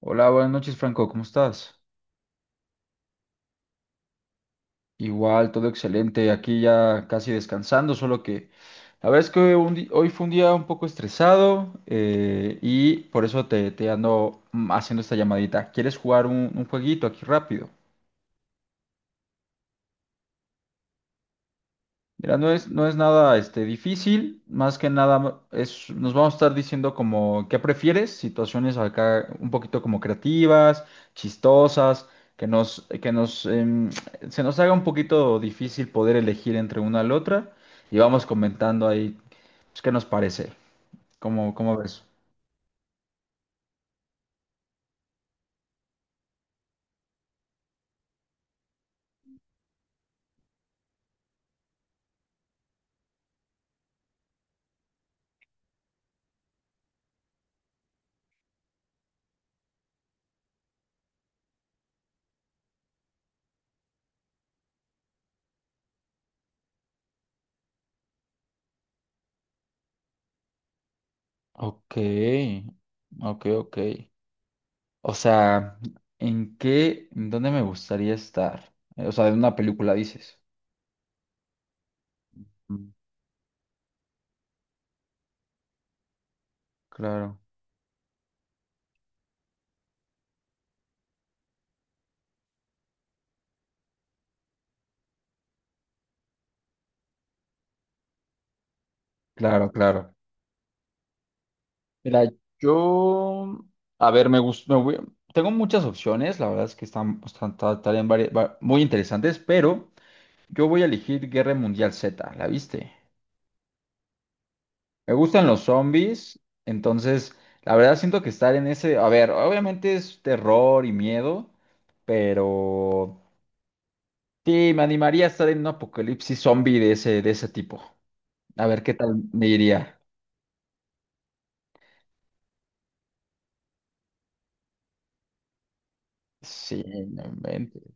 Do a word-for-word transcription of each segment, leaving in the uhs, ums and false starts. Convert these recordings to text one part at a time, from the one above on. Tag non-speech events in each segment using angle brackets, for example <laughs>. Hola, buenas noches, Franco, ¿cómo estás? Igual, todo excelente, aquí ya casi descansando, solo que la verdad es que un di- hoy fue un día un poco estresado eh, y por eso te, te ando mm, haciendo esta llamadita. ¿Quieres jugar un, un jueguito aquí rápido? Mira, no es, no es nada este, difícil, más que nada es, nos vamos a estar diciendo como qué prefieres, situaciones acá un poquito como creativas, chistosas, que nos, que nos em, se nos haga un poquito difícil poder elegir entre una y la otra, y vamos comentando ahí pues, qué nos parece, cómo, cómo ves. Ok, ok, ok. O sea, ¿en qué, en dónde me gustaría estar? Eh, O sea, de una película dices. Mm. Claro. Claro, claro. Mira, yo, a ver, me gusta, tengo muchas opciones, la verdad es que están, están, ta- estarían vari- va- muy interesantes, pero yo voy a elegir Guerra Mundial Z, ¿la viste? Me gustan los zombies, entonces, la verdad siento que estar en ese, a ver, obviamente es terror y miedo, pero sí, me animaría a estar en un apocalipsis zombie de ese, de ese tipo. A ver qué tal me iría. Sí, no inventes.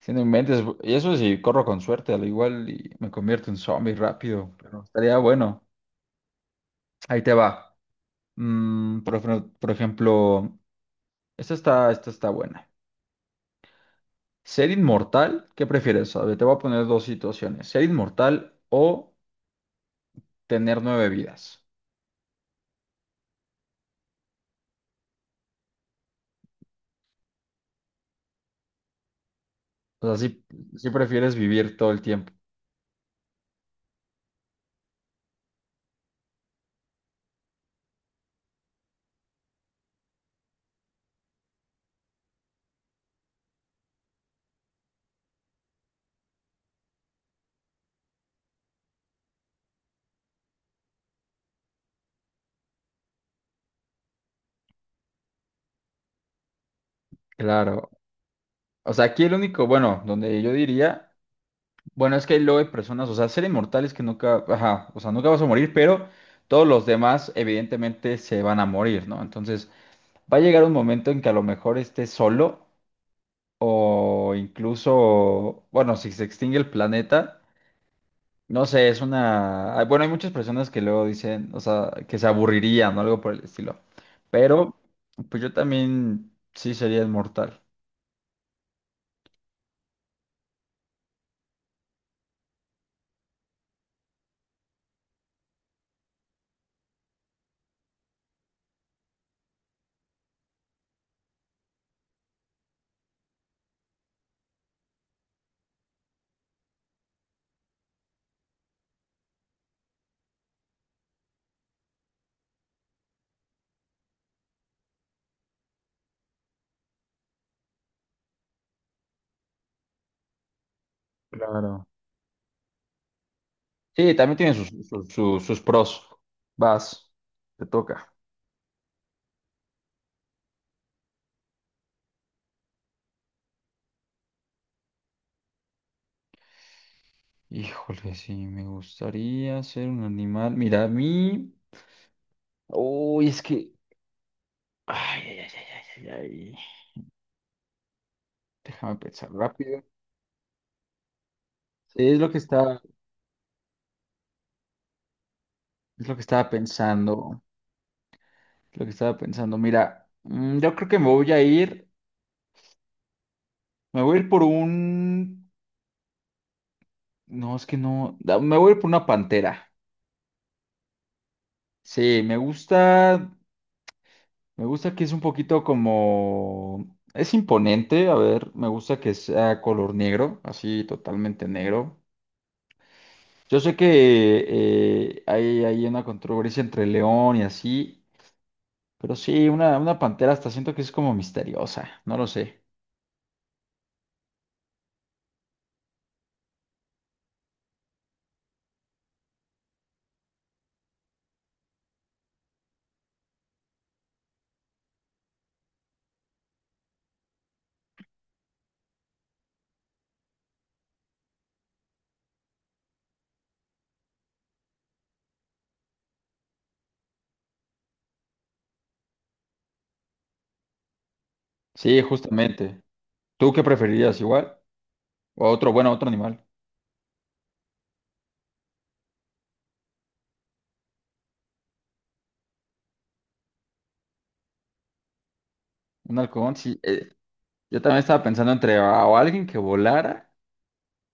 Si no inventes, y eso sí, corro con suerte, al igual y me convierto en zombie rápido, pero estaría bueno. Ahí te va. Mm, por, ejemplo, por ejemplo, esta está, esta está buena. ¿Ser inmortal? ¿Qué prefieres? A ver, te voy a poner dos situaciones. ¿Ser inmortal o tener nueve vidas? O sea, si, si prefieres vivir todo el tiempo. Claro. O sea, aquí el único, bueno, donde yo diría. Bueno, es que hay lo de personas, o sea, ser inmortales que nunca, ajá, o sea, nunca vas a morir, pero todos los demás evidentemente se van a morir, ¿no? Entonces, va a llegar un momento en que a lo mejor estés solo o incluso, bueno, si se extingue el planeta, no sé, es una... ah, bueno, hay muchas personas que luego dicen, o sea, que se aburrirían o algo por el estilo, pero pues yo también sí sería inmortal. Claro. Sí, también tiene sus, sus, sus, sus pros. Vas, te toca. Híjole, sí, me gustaría ser un animal. Mira, a mí. Uy, es que. Ay, ay, ay, ay, ay, ay, ay. Déjame pensar rápido. Sí, es lo que estaba, es lo que estaba pensando. Es lo que estaba pensando. Mira, mm, yo creo que me voy a ir. Me voy a ir por un. No, es que no. da- Me voy a ir por una pantera. Sí, me gusta. Me gusta que es un poquito como. Es imponente. A ver, me gusta que sea color negro, así totalmente negro. Yo sé que eh, hay, hay una controversia entre león y así, pero sí, una, una pantera hasta siento que es como misteriosa, no lo sé. Sí, justamente. ¿Tú qué preferirías igual? O otro, bueno, otro animal. Un halcón, sí. eh, yo también estaba pensando entre a- o alguien que volara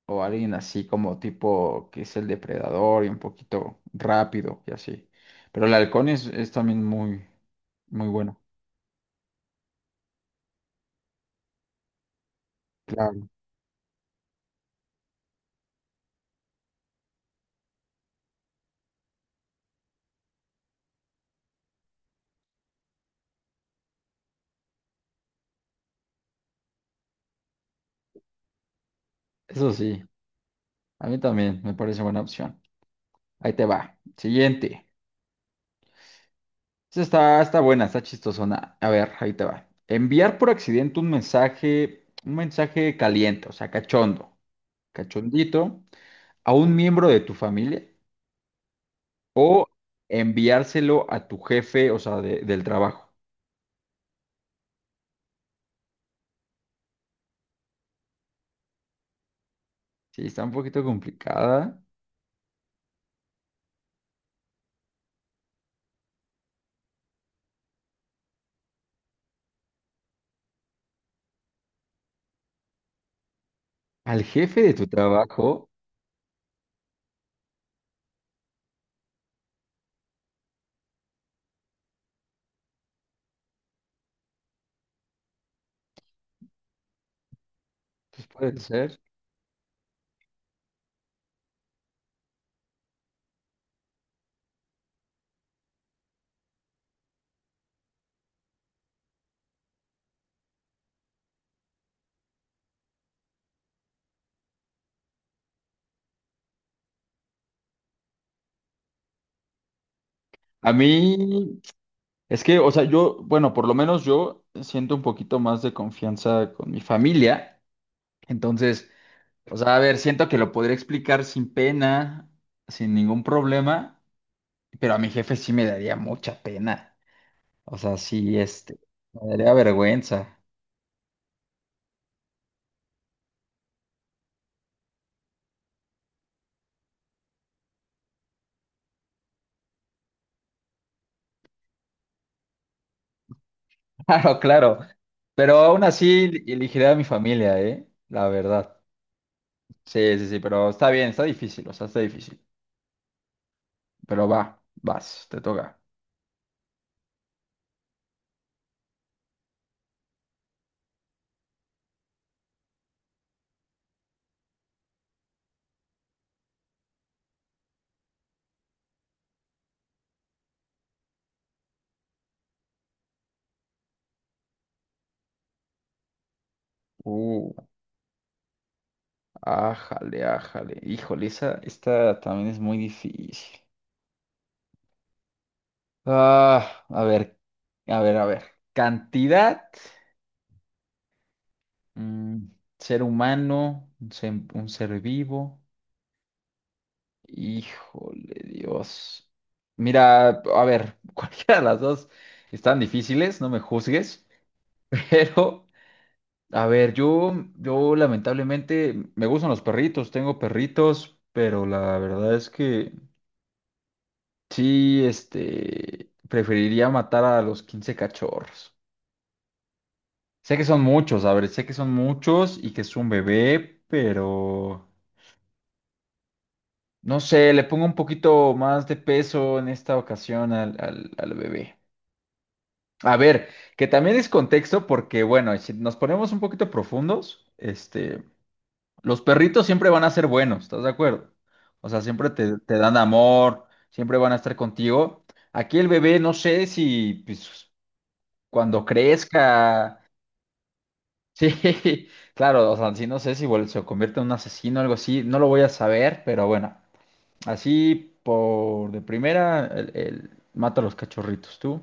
o alguien así como tipo que es el depredador y un poquito rápido y así. Pero el halcón es, es también muy, muy bueno. Claro. Eso sí, a mí también me parece buena opción. Ahí te va. Siguiente. Esta está, está buena, está chistosona. A ver, ahí te va. Enviar por accidente un mensaje, un mensaje caliente, o sea, cachondo, cachondito, a un miembro de tu familia, enviárselo a tu jefe, o sea, de- del trabajo. Sí, está un poquito complicada. Al jefe de tu trabajo, pues puede ser. A mí, es que, o sea, yo, bueno, por lo menos yo siento un poquito más de confianza con mi familia. Entonces, o sea, a ver, siento que lo podría explicar sin pena, sin ningún problema, pero a mi jefe sí me daría mucha pena. O sea, sí, este, me daría vergüenza. <laughs> Claro, claro. Pero aún así elegiría a mi familia, ¿eh? La verdad. Sí, sí, sí, pero está bien, está difícil, o sea, está difícil. Pero va, vas, te toca. Uh, ájale, ájale. Híjole, esa, esta también es muy difícil. Ah, a ver, a ver, a ver. Cantidad. Mm, ser humano, un ser, un ser vivo. Híjole, Dios. Mira, a ver, <laughs> cualquiera de las dos están difíciles, no me juzgues, <laughs> pero a ver, yo, yo lamentablemente me gustan los perritos, tengo perritos, pero la verdad es que sí, este, preferiría matar a los quince cachorros. Sé que son muchos, a ver, sé que son muchos y que es un bebé, pero, no sé, le pongo un poquito más de peso en esta ocasión al, al- al bebé. A ver, que también es contexto porque, bueno, si nos ponemos un poquito profundos, este, los perritos siempre van a ser buenos, ¿estás de acuerdo? O sea, siempre te, te dan amor, siempre van a estar contigo. Aquí el bebé, no sé si pues, cuando crezca, <laughs> sí, claro, o sea, sí, no sé si vuel- se convierte en un asesino o algo así, no lo voy a saber, pero bueno. Así por de primera, el, el mata a los cachorritos, tú.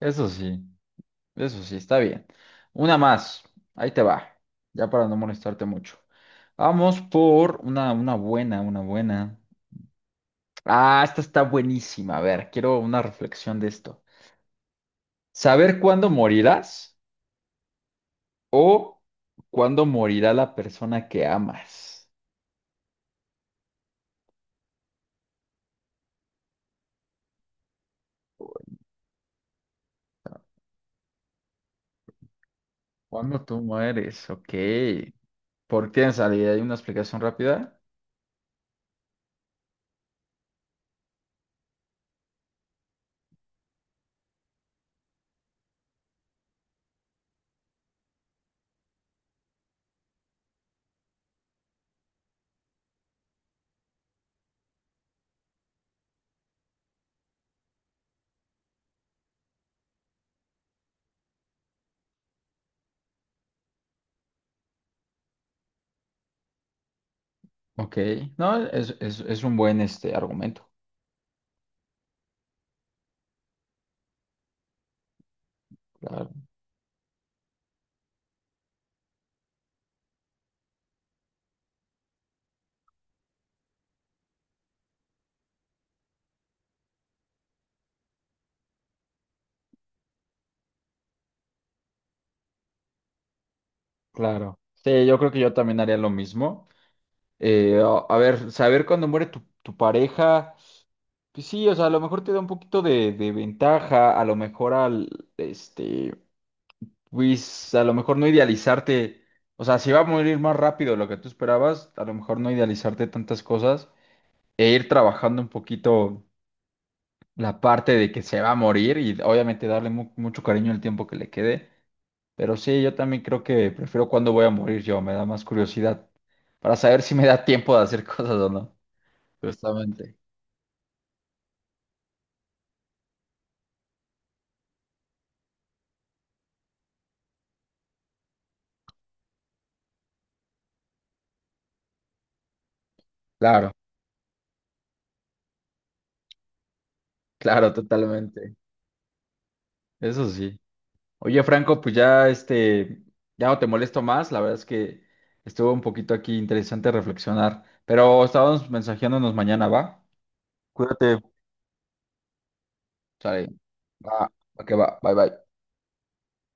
Eso sí, eso sí, está bien. Una más, ahí te va, ya para no molestarte mucho. Vamos por una, una buena, una buena. Ah, esta está buenísima. A ver, quiero una reflexión de esto. ¿Saber cuándo morirás? ¿O cuándo morirá la persona que amas? ¿Cuándo tú mueres? Ok. ¿Por qué tienes idea? ¿Hay una explicación rápida? Ok, no, es, es, es un buen este argumento, claro, claro. Sí, yo creo que yo también haría lo mismo. Eh, a, a ver, saber cuándo muere tu, tu pareja, pues sí, o sea, a lo mejor te da un poquito de, de ventaja, a lo mejor al, este, pues a lo mejor no idealizarte, o sea, si va a morir más rápido de lo que tú esperabas, a lo mejor no idealizarte tantas cosas e ir trabajando un poquito la parte de que se va a morir y obviamente darle mu- mucho cariño el tiempo que le quede. Pero sí, yo también creo que prefiero cuándo voy a morir yo, me da más curiosidad para saber si me da tiempo de hacer <laughs> cosas o no. Justamente. Claro, claro, totalmente. Eso sí. Oye, Franco, pues ya este, ya no te molesto más. La verdad es que estuvo un poquito aquí interesante reflexionar, pero estábamos mensajeándonos mañana, ¿va? Cuídate. Sale. Va, va que va. Bye bye.